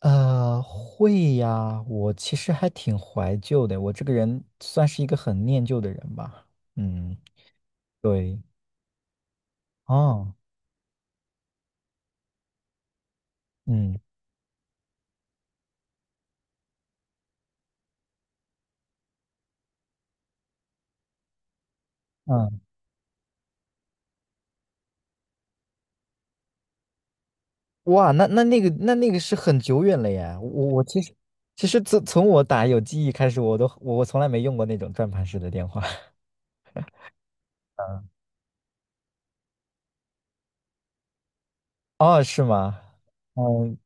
会呀，我其实还挺怀旧的，我这个人算是一个很念旧的人吧。嗯，对，哦，嗯嗯，哇，那个是很久远了耶。我其实，其实自从我打有记忆开始，我都我我从来没用过那种转盘式的电话。嗯，哦，是吗？嗯，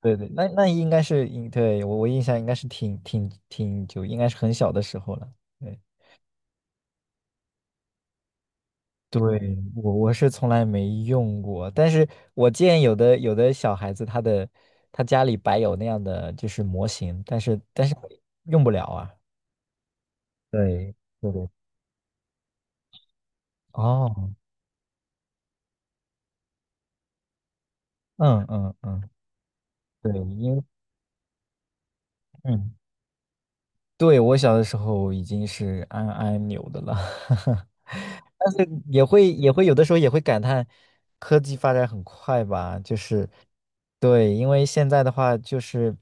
对对，那那应该是，对，我我印象应该是挺久，应该是很小的时候了。对。对，我是从来没用过，但是我见有的小孩子他的，他家里摆有那样的就是模型，但是用不了啊。对，对对。哦，嗯，对，因为，嗯。对，我小的时候已经是按按钮的了，但是也会有的时候也会感叹科技发展很快吧，就是，对，因为现在的话就是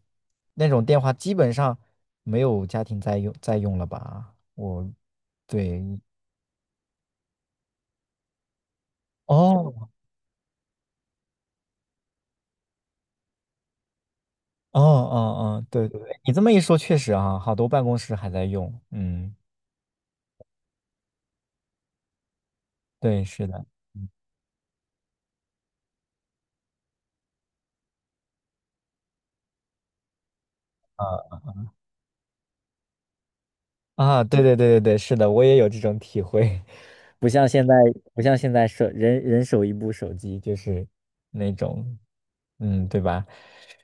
那种电话基本上没有家庭在用了吧，我，对，哦哦哦哦，对对对，你这么一说确实啊，好多办公室还在用，嗯，对，是的，嗯，啊，对对对对对，是的，我也有这种体会，不像现在，不像现在，人人手一部手机，就是那种，嗯，对吧？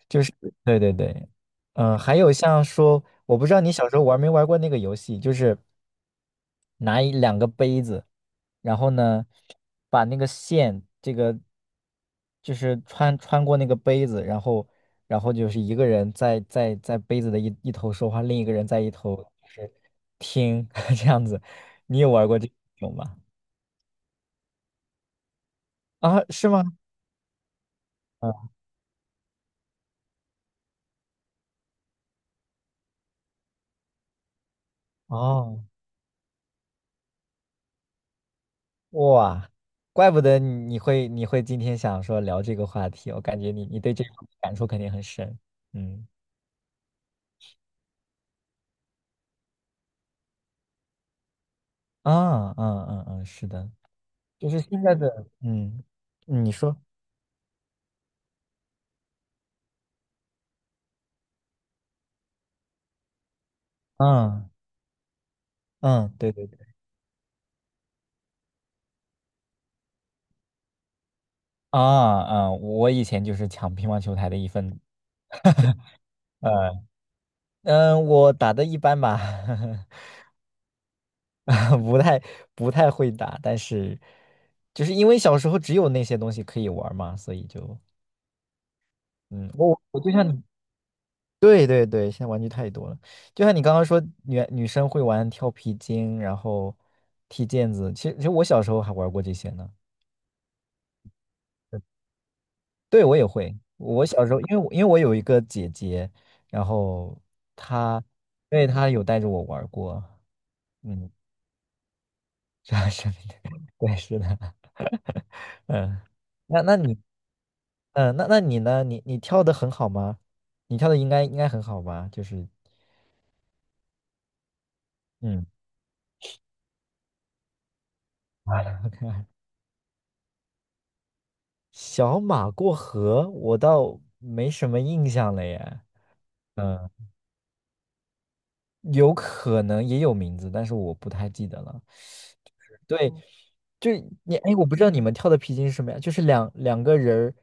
就是，对对对，嗯、还有像说，我不知道你小时候玩没玩过那个游戏，就是拿一两个杯子。然后呢，把那个线，这个就是穿过那个杯子，然后，然后就是一个人在杯子的一头说话，另一个人在一头就是听 这样子。你有玩过这种吗？啊，是吗？嗯，哦，哇，怪不得你你会你会今天想说聊这个话题，我感觉你对这个感触肯定很深。嗯，啊，嗯嗯嗯，是的，就是现在的，嗯，你说。嗯嗯，对对对，啊，啊，我以前就是抢乒乓球台的一份子，嗯，嗯，我打的一般吧，不太，不太会打，但是就是因为小时候只有那些东西可以玩儿嘛，所以就，嗯，我我就像你，对对对，现在玩具太多了，就像你刚刚说女生会玩跳皮筋，然后踢毽子，其实，其实我小时候还玩过这些呢。对，我也会。我小时候，因为我有一个姐姐，然后她，因为她有带着我玩儿过，嗯，这样是，对，是的，嗯，那那你，嗯，那那你呢？你你跳的很好吗？你跳的应该很好吧？就是，嗯，小马过河，我倒没什么印象了耶，嗯，有可能也有名字，但是我不太记得了。对，就，你，哎，我不知道你们跳的皮筋是什么呀？就是两个人儿，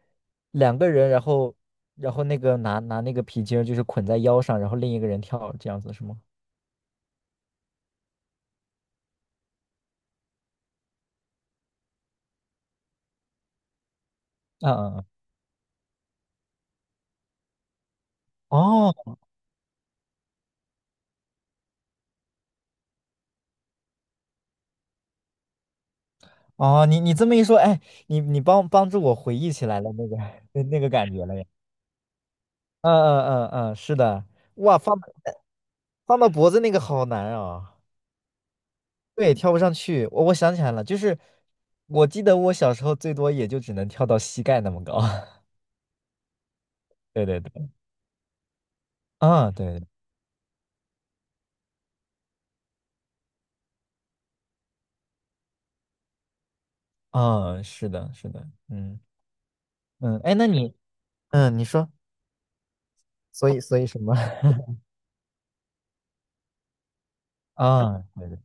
两个人，然后，然后那个拿那个皮筋儿，就是捆在腰上，然后另一个人跳，这样子是吗？嗯嗯嗯。哦，哦，你你这么一说，哎，你帮助我回忆起来了那个 那那个感觉了呀。嗯嗯嗯嗯，是的，哇，放到，放到脖子那个好难啊，对，跳不上去。我，我想起来了，就是我记得我小时候最多也就只能跳到膝盖那么高。对对，嗯对，啊对。啊，是的，是的，嗯，嗯，哎，那你，嗯，你说，所以所以什么？啊，对的，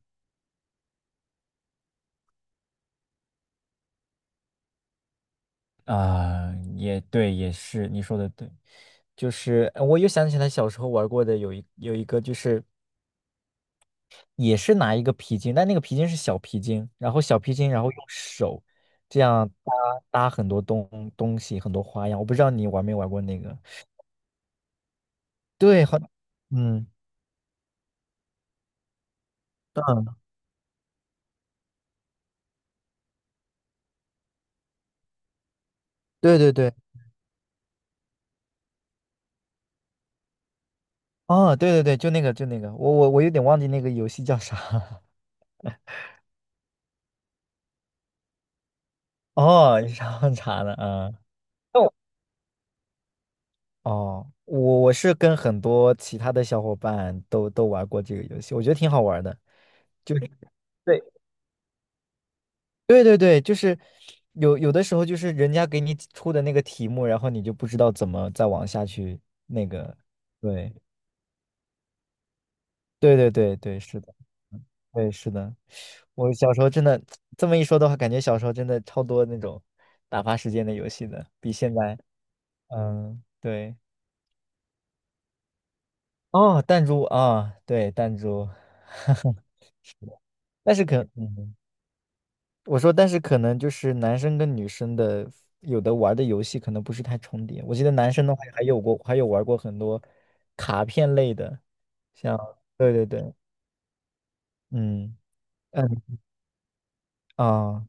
啊，也对，也是，你说的对，就是，我又想起来小时候玩过的有一个，就是也是拿一个皮筋，但那个皮筋是小皮筋，然后小皮筋，然后用手这样搭，搭很多东西，很多花样。我不知道你玩没玩过那个，对，好，嗯，嗯，对对对，啊，对对对，就那个，我有点忘记那个游戏叫啥。哦，你上茶的啊？嗯，那我，哦，我我是跟很多其他的小伙伴都玩过这个游戏，我觉得挺好玩的。就是，对对对对，就是，有的时候就是人家给你出的那个题目，然后你就不知道怎么再往下去那个。对对对对对，是的，嗯，对，是的。我小时候真的，这么一说的话，感觉小时候真的超多那种打发时间的游戏的，比现在，嗯，对。哦，弹珠啊，对，弹珠，是的，但是可，嗯，我说，但是可能就是男生跟女生的，有的玩的游戏可能不是太重叠。我记得男生的话还有过，还有玩过很多卡片类的，像，对对对，嗯，嗯，啊，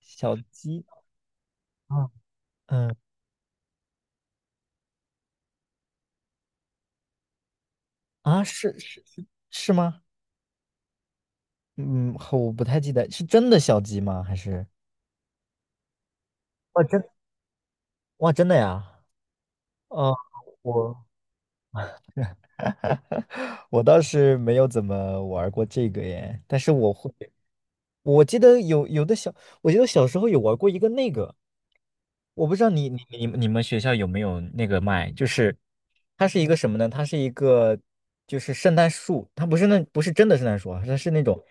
小鸡啊，嗯，啊，是是是，是吗？嗯，我不太记得，是真的小鸡吗？还是，哇真，哇真的呀？哦，我。我倒是没有怎么玩过这个耶，但是我会，我记得有有的小，我记得小时候有玩过一个那个，我不知道你们学校有没有那个卖，就是它是一个什么呢？它是一个就是圣诞树，它不是那，不是真的圣诞树啊，它是那种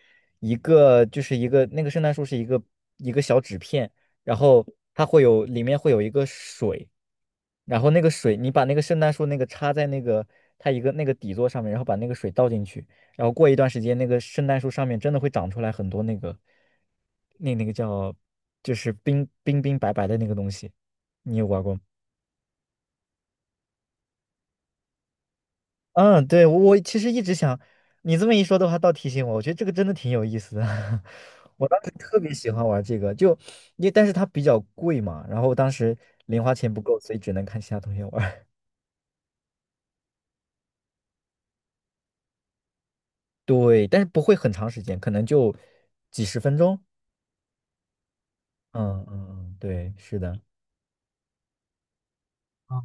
一个，就是一个那个圣诞树是一个一个小纸片，然后它会有，里面会有一个水。然后那个水，你把那个圣诞树那个插在那个它一个那个底座上面，然后把那个水倒进去，然后过一段时间，那个圣诞树上面真的会长出来很多那个，那那个叫，就是冰冰，冰白白的那个东西，你有玩过吗？嗯，对，我其实一直想，你这么一说的话，倒提醒我，我觉得这个真的挺有意思的。我当时特别喜欢玩这个，就因为但是它比较贵嘛，然后当时零花钱不够，所以只能看其他同学玩。对，但是不会很长时间，可能就几十分钟。嗯嗯嗯，对，是的。啊，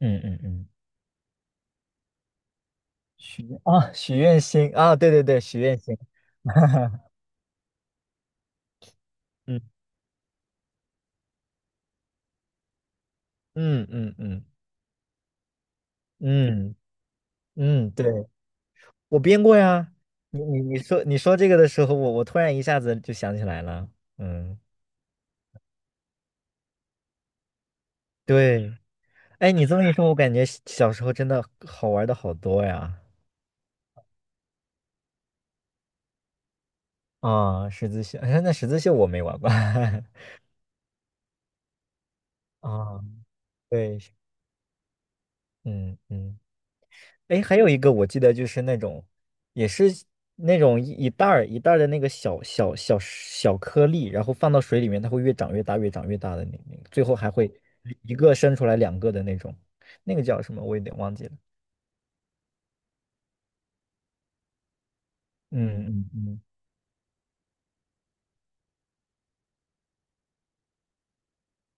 嗯嗯嗯，许愿啊，许愿星啊，对对对，许愿星。嗯嗯嗯嗯，嗯嗯，对，我编过呀。你说这个的时候，我突然一下子就想起来了。嗯，对。哎，你这么一说，我感觉小时候真的好玩的好多呀。啊，十字绣，哎，那十字绣我没玩过。啊，对，嗯嗯。哎，还有一个我记得就是那种，也是那种一袋儿一袋儿的那个小小颗粒，然后放到水里面，它会越长越大，越长越大的那那个，最后还会一个生出来两个的那种，那个叫什么？我有点忘记了。嗯嗯嗯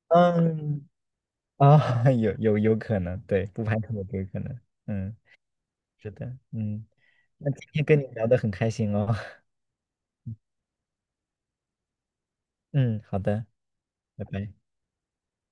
嗯，啊，有可能，对，不排除有这个可能。嗯，是的，嗯，那今天跟你聊得很开心哦。嗯，好的，拜拜。